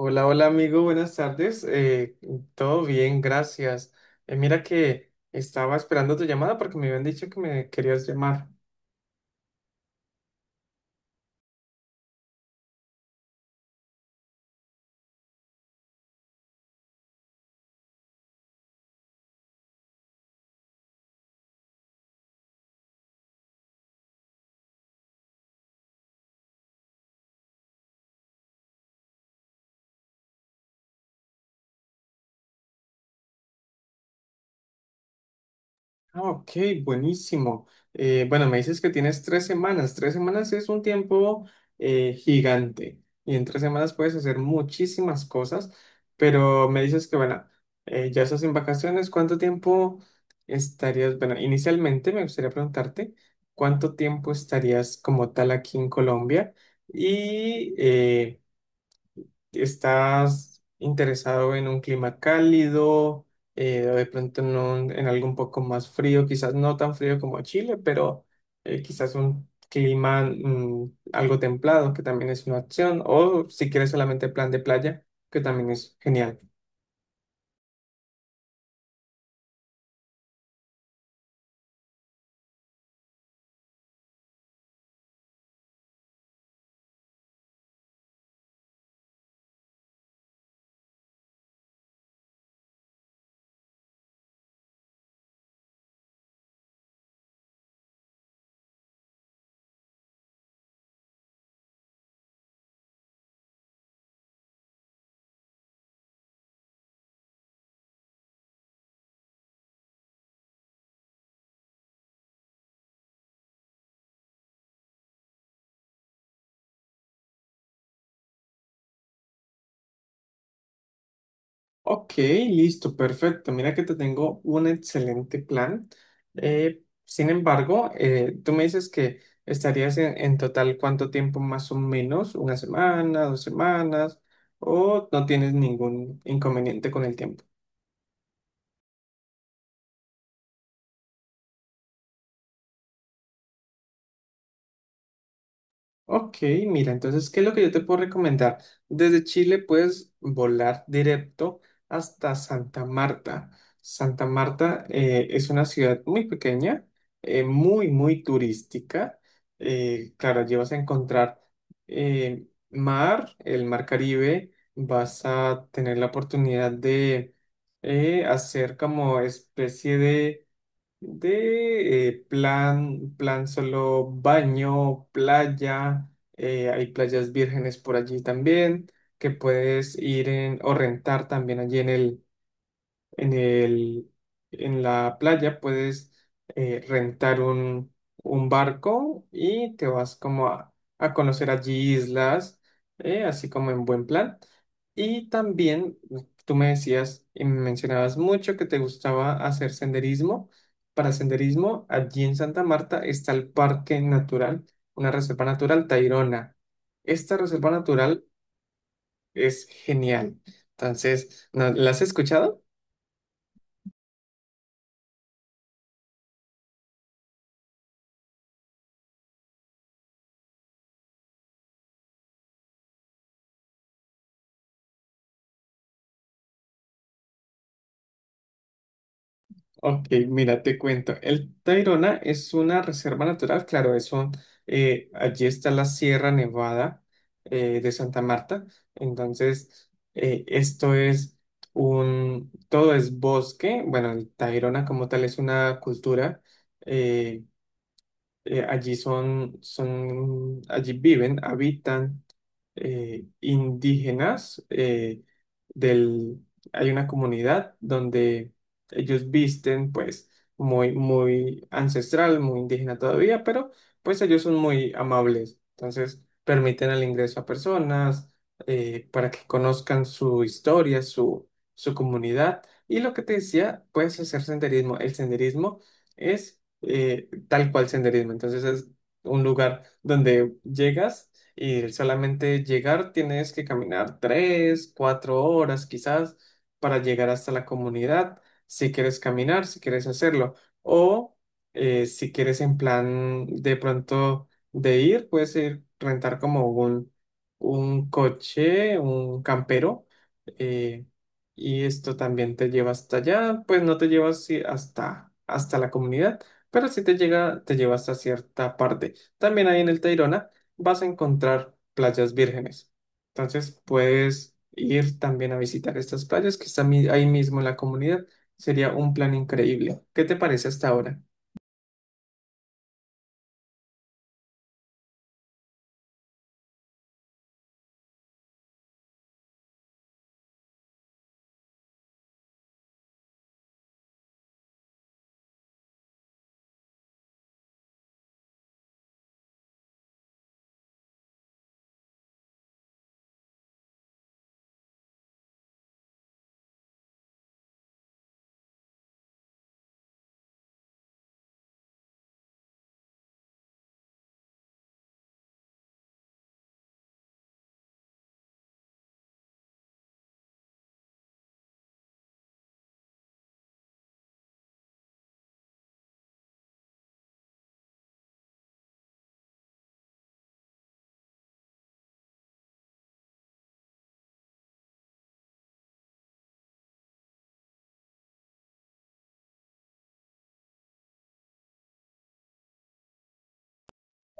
Hola, hola amigo, buenas tardes. Todo bien, gracias. Mira que estaba esperando tu llamada porque me habían dicho que me querías llamar. Ah, ok, buenísimo. Bueno, me dices que tienes tres semanas. Tres semanas es un tiempo gigante y en tres semanas puedes hacer muchísimas cosas, pero me dices que, bueno, ya estás en vacaciones. ¿Cuánto tiempo estarías? Bueno, inicialmente me gustaría preguntarte cuánto tiempo estarías como tal aquí en Colombia y, ¿estás interesado en un clima cálido, o de pronto en, en algo un poco más frío, quizás no tan frío como Chile, pero quizás un clima algo templado, que también es una opción, o si quieres solamente plan de playa, que también es genial. Ok, listo, perfecto. Mira que te tengo un excelente plan. Sin embargo, tú me dices que estarías en total cuánto tiempo más o menos, una semana, dos semanas, o no tienes ningún inconveniente con el tiempo. Ok, mira, entonces, ¿qué es lo que yo te puedo recomendar? Desde Chile puedes volar directo hasta Santa Marta. Santa Marta es una ciudad muy pequeña, muy, muy turística. Claro, allí vas a encontrar mar, el mar Caribe, vas a tener la oportunidad de hacer como especie de plan, plan solo baño, playa, hay playas vírgenes por allí también, que puedes ir en, o rentar también allí en en el, en la playa puedes rentar un barco y te vas como a conocer allí islas, así como en buen plan. Y también tú me decías y me mencionabas mucho que te gustaba hacer senderismo. Para senderismo, allí en Santa Marta está el Parque Natural, una reserva natural Tayrona. Esta reserva natural es genial. Entonces, ¿la has escuchado? Ok, mira, te cuento. El Tayrona es una reserva natural, claro, es un, allí está la Sierra Nevada de Santa Marta. Entonces, esto es un, todo es bosque. Bueno, el Tayrona como tal es una cultura eh, allí allí viven, habitan indígenas del, hay una comunidad donde ellos visten pues muy, muy ancestral, muy indígena todavía, pero pues ellos son muy amables, entonces permiten el ingreso a personas para que conozcan su historia, su comunidad. Y lo que te decía, puedes hacer senderismo. El senderismo es tal cual senderismo. Entonces es un lugar donde llegas y solamente llegar tienes que caminar tres, cuatro horas quizás para llegar hasta la comunidad, si quieres caminar, si quieres hacerlo. O si quieres en plan de pronto de ir, puedes ir rentar como un coche, un campero. eh, y esto también te lleva hasta allá, pues no te llevas sí, hasta, hasta la comunidad pero si te llega, te lleva hasta cierta parte. También ahí en el Tayrona vas a encontrar playas vírgenes. Entonces puedes ir también a visitar estas playas que están ahí mismo en la comunidad. Sería un plan increíble. ¿Qué te parece hasta ahora?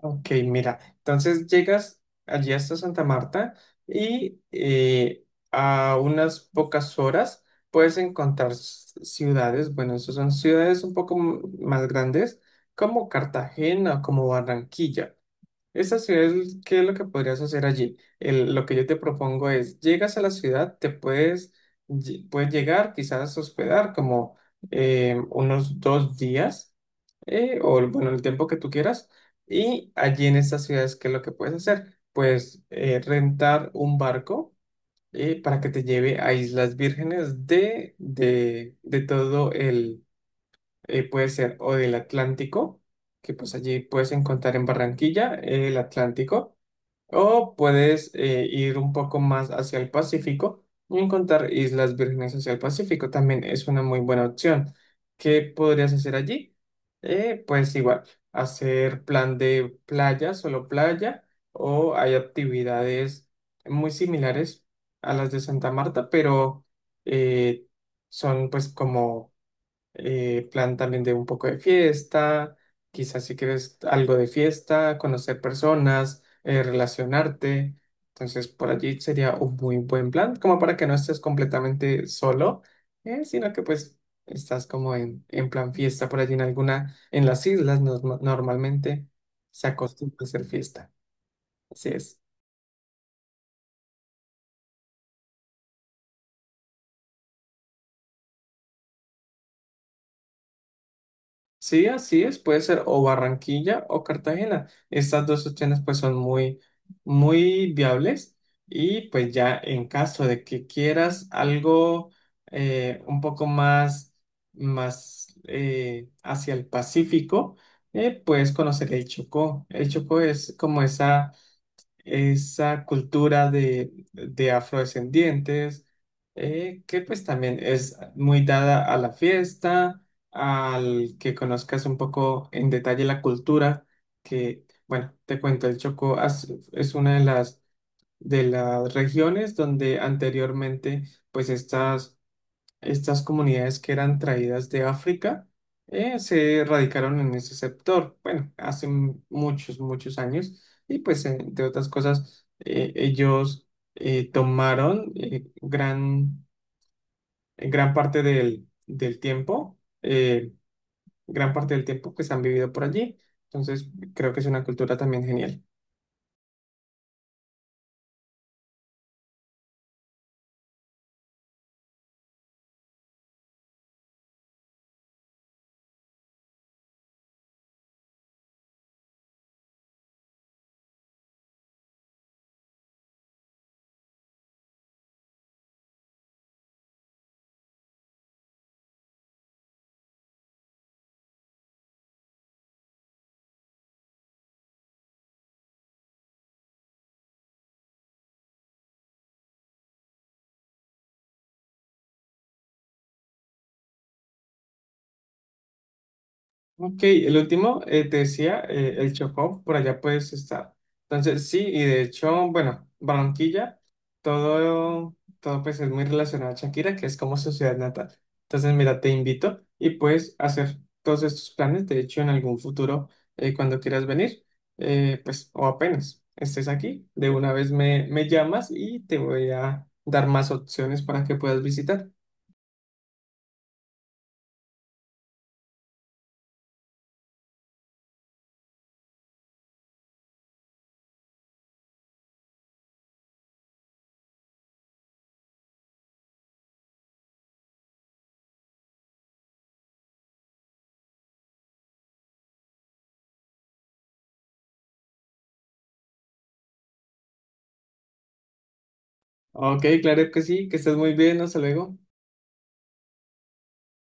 Ok, mira, entonces llegas allí hasta Santa Marta y a unas pocas horas puedes encontrar ciudades, bueno, esas son ciudades un poco más grandes como Cartagena, o como Barranquilla. Esta ciudad, ¿qué es lo que podrías hacer allí? Lo que yo te propongo es, llegas a la ciudad, te puedes, puedes llegar, quizás hospedar como unos dos días, o bueno, el tiempo que tú quieras, y allí en estas ciudades, ¿qué es lo que puedes hacer? Pues rentar un barco para que te lleve a Islas Vírgenes de todo el, puede ser, o del Atlántico, que pues allí puedes encontrar en Barranquilla el Atlántico o puedes ir un poco más hacia el Pacífico y encontrar Islas Vírgenes hacia el Pacífico. También es una muy buena opción. ¿Qué podrías hacer allí? Pues igual, hacer plan de playa, solo playa, o hay actividades muy similares a las de Santa Marta, pero eh, son pues como plan también de un poco de fiesta, quizás si quieres algo de fiesta, conocer personas, relacionarte. Entonces, por allí sería un muy buen plan, como para que no estés completamente solo, sino que pues estás como en plan fiesta por allí en alguna, en las islas normalmente se acostumbra a hacer fiesta. Así es. Sí, así es, puede ser o Barranquilla o Cartagena. Estas dos opciones pues son muy, muy viables y pues ya en caso de que quieras algo un poco más, más hacia el Pacífico, puedes conocer el Chocó. El Chocó es como esa esa cultura de afrodescendientes, que pues también es muy dada a la fiesta, al que conozcas un poco en detalle la cultura, que bueno, te cuento, el Chocó es una de las regiones donde anteriormente pues estas estas comunidades que eran traídas de África se radicaron en ese sector, bueno, hace muchos, muchos años, y pues, entre otras cosas, ellos tomaron gran, gran parte del, del tiempo, gran parte del tiempo pues han vivido por allí, entonces creo que es una cultura también genial. Ok, el último, te decía, el Chocó, por allá puedes estar. Entonces, sí, y de hecho, bueno, Barranquilla, todo, todo pues es muy relacionado a Shakira, que es como su ciudad natal. Entonces, mira, te invito y puedes hacer todos estos planes, de hecho, en algún futuro, cuando quieras venir, pues, o apenas estés aquí, de una vez me, me llamas y te voy a dar más opciones para que puedas visitar. Ok, claro que sí, que estés muy bien, hasta luego.